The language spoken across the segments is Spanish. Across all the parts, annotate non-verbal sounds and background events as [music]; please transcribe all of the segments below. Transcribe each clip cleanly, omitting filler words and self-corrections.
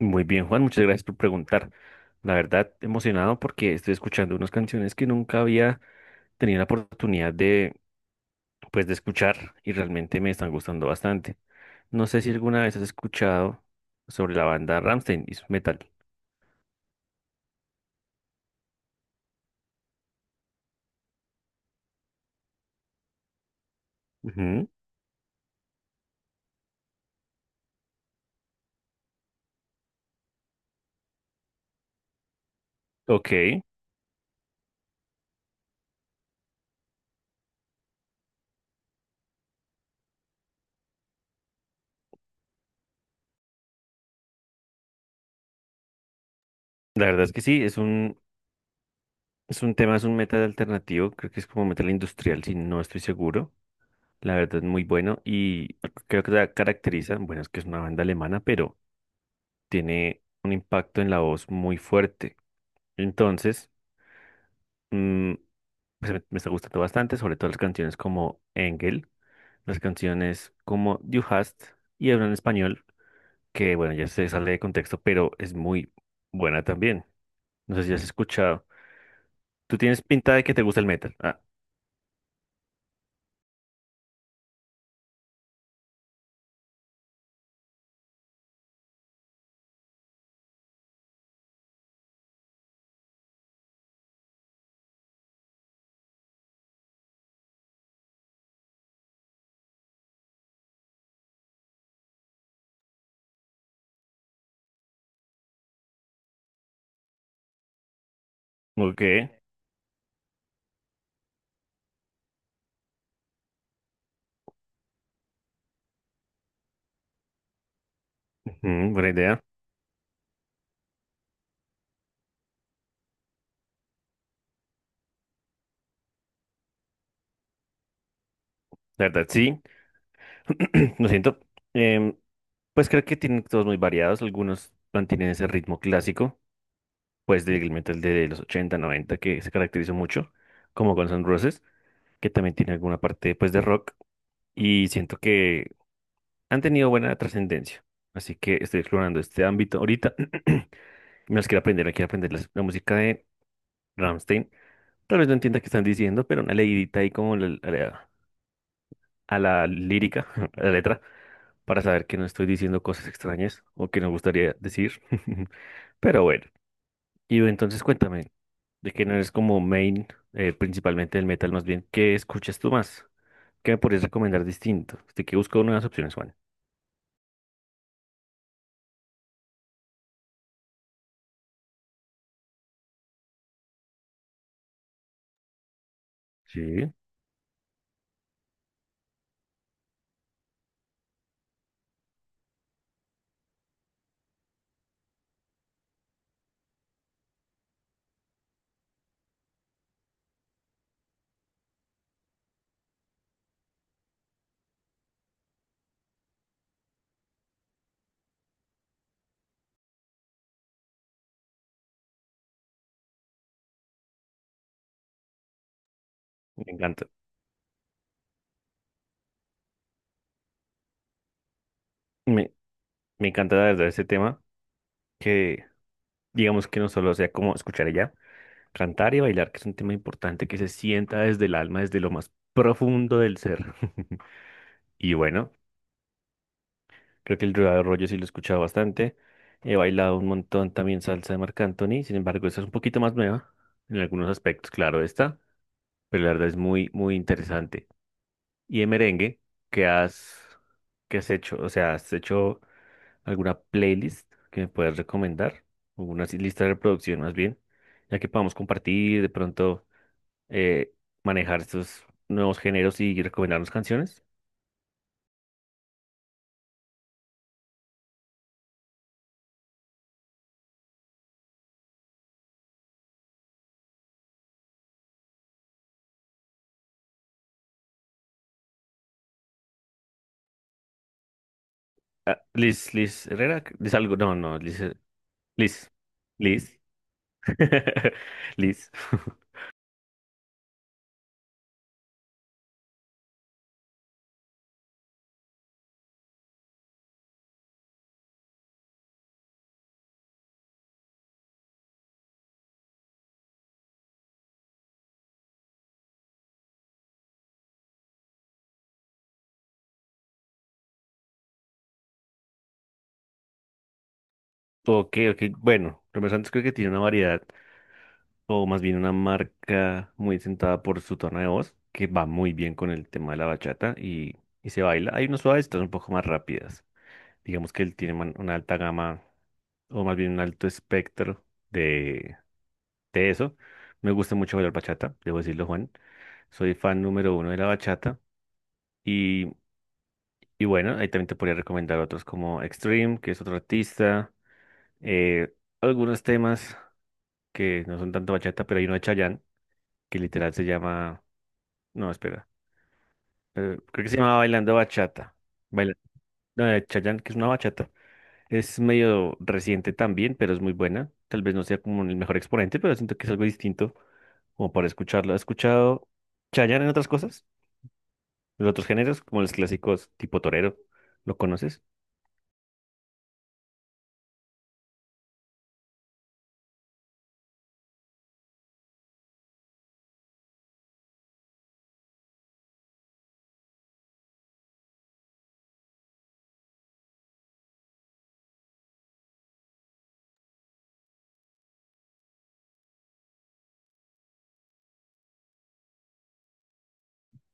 Muy bien, Juan, muchas gracias por preguntar. La verdad, emocionado porque estoy escuchando unas canciones que nunca había tenido la oportunidad de, pues, de escuchar y realmente me están gustando bastante. No sé si alguna vez has escuchado sobre la banda Rammstein y su metal. Ujú. Ok, la verdad es que sí, es un tema, es un metal alternativo, creo que es como metal industrial, si no estoy seguro. La verdad es muy bueno y creo que la caracteriza, bueno, es que es una banda alemana, pero tiene un impacto en la voz muy fuerte. Entonces, mm, pues me está gustando bastante, sobre todo las canciones como Engel, las canciones como Du hast y Habla en Español, que bueno, ya se sale de contexto, pero es muy buena también. No sé si has escuchado. Tú tienes pinta de que te gusta el metal. Ah, ok. Ujú, buena idea. La verdad, sí. [clears throat] Lo siento. Em, pues creo que tienen todos muy variados. Algunos mantienen ese ritmo clásico, pues del metal de los 80 90 que se caracterizó mucho, como Guns N' Roses, que también tiene alguna parte pues de rock y siento que han tenido buena trascendencia. Así que estoy explorando este ámbito ahorita. [clears throat] Me las quiero aprender la música de Rammstein. Tal vez no entienda qué están diciendo, pero una leidita ahí como a la lírica, [laughs] a la letra, para saber que no estoy diciendo cosas extrañas o que no gustaría decir. [laughs] Pero bueno, y entonces cuéntame, de que no eres como main, principalmente el metal más bien, ¿qué escuchas tú más? ¿Qué me podrías recomendar distinto? Estoy que busco nuevas opciones, Juan. Sí, me encanta. Me, me encanta la verdad este tema, que digamos que no solo sea como escuchar ella cantar y bailar, que es un tema importante que se sienta desde el alma, desde lo más profundo del ser. [laughs] Y bueno, creo que el Rueda de Rollo sí lo he escuchado bastante. He bailado un montón también salsa de Marc Anthony, sin embargo, esta es un poquito más nueva en algunos aspectos, claro, esta, pero la verdad es muy, muy interesante. Y de merengue, ¿qué has, ¿qué has hecho? O sea, ¿has hecho alguna playlist que me puedas recomendar? O una así lista de reproducción más bien, ya que podamos compartir, de pronto eh, manejar estos nuevos géneros y recomendarnos canciones. Ah, Liz, Liz Herrera, Liz algo, no, no, Liz, Liz, Liz, [laughs] Liz. [laughs] Ok, ok, bueno, Romeo Santos creo que tiene una variedad o más bien una marca muy sentada por su tono de voz, que va muy bien con el tema de la bachata y se baila. Hay unas suaves, otras un poco más rápidas. Digamos que él tiene una alta gama, o más bien un alto espectro de, de eso. Me gusta mucho bailar bachata, debo decirlo, Juan. Soy fan número 1 de la bachata. Y, y bueno, ahí también te podría recomendar otros como Extreme, que es otro artista. eh, Algunos temas que no son tanto bachata, pero hay uno de Chayanne, que literal se llama... No, espera. Creo que se llama Bailando Bachata. Baila- no, de Chayanne, que es una bachata. Es medio reciente también, pero es muy buena. Tal vez no sea como el mejor exponente, pero siento que es algo distinto como para escucharlo. ¿Has escuchado Chayanne en otras cosas? En otros géneros, como los clásicos tipo torero. ¿Lo conoces?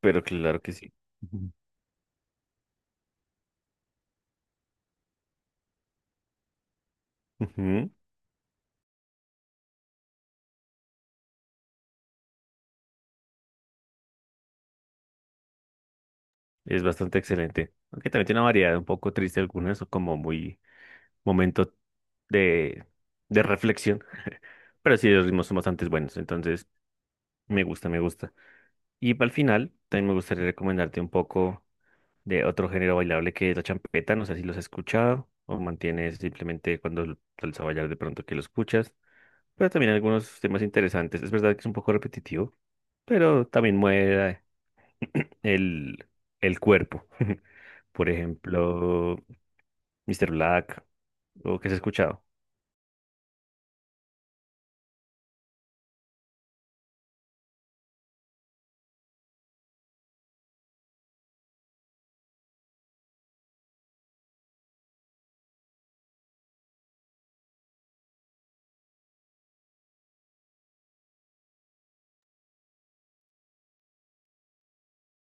Pero claro que sí. Ujú. Ujú. Es bastante excelente. Aunque también tiene una variedad un poco triste algunas, o como muy momento de, de reflexión. [laughs] Pero sí, los ritmos son bastante buenos. Entonces. Me gusta, me gusta. Y para el final, también me gustaría recomendarte un poco de otro género bailable que es la champeta. No sé si los has escuchado o mantienes simplemente cuando sales a bailar de pronto que lo escuchas. Pero también algunos temas interesantes. Es verdad que es un poco repetitivo, pero también mueve el, el cuerpo. [laughs] Por ejemplo, Mr. Black, o que has escuchado.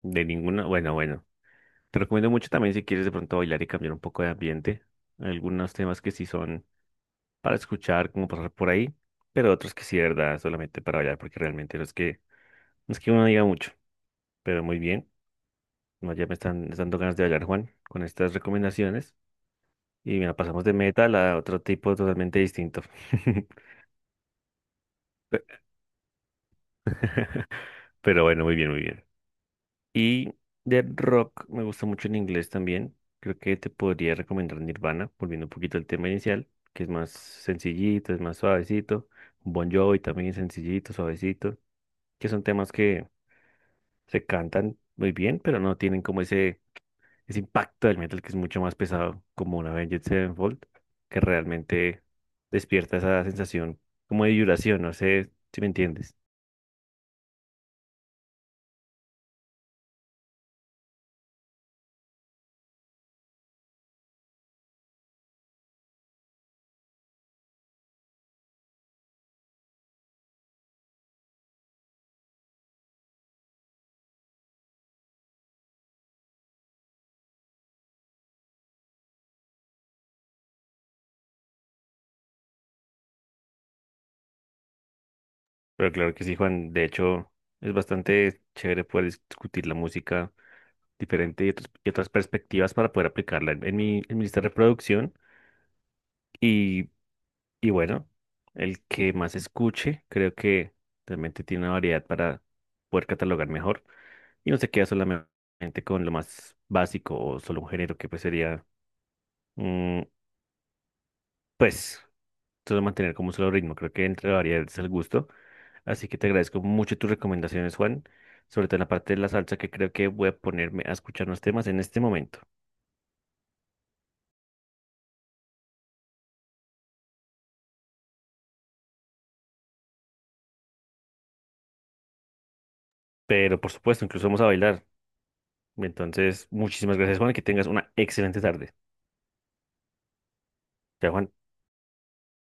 De ninguna. Bueno, bueno. Te recomiendo mucho también si quieres de pronto bailar y cambiar un poco de ambiente. Algunos temas que sí son para escuchar, como pasar por ahí, pero otros que sí, de verdad, solamente para bailar, porque realmente no es que uno no diga mucho, pero muy bien. No, ya me están dando ganas de bailar, Juan, con estas recomendaciones. Y mira, pasamos de metal a otro tipo totalmente distinto. [laughs] Pe- Pero bueno, muy bien, muy bien. Y de rock me gusta mucho en inglés también. Creo que te podría recomendar Nirvana, volviendo un poquito al tema inicial, que es más sencillito, es más suavecito. Bon Jovi también es sencillito, suavecito, que son temas que se cantan muy bien, pero no tienen como ese impacto del metal que es mucho más pesado, como una Avenged Sevenfold, que realmente despierta esa sensación como de vibración, no sé si me entiendes. Pero claro que sí, Juan, de hecho es bastante chévere poder discutir la música diferente y otras perspectivas para poder aplicarla en mi lista de reproducción. Y Y bueno, el que más escuche, creo que realmente tiene una variedad para poder catalogar mejor y no se queda solamente con lo más básico o solo un género que pues sería, mm, pues, solo mantener como un solo ritmo. Creo que entre la variedad es el gusto. Así que te agradezco mucho tus recomendaciones, Juan, sobre todo en la parte de la salsa que creo que voy a ponerme a escuchar unos temas en este momento. Pero por supuesto, incluso vamos a bailar. Entonces, muchísimas gracias, Juan, y que tengas una excelente tarde. Chao, Juan.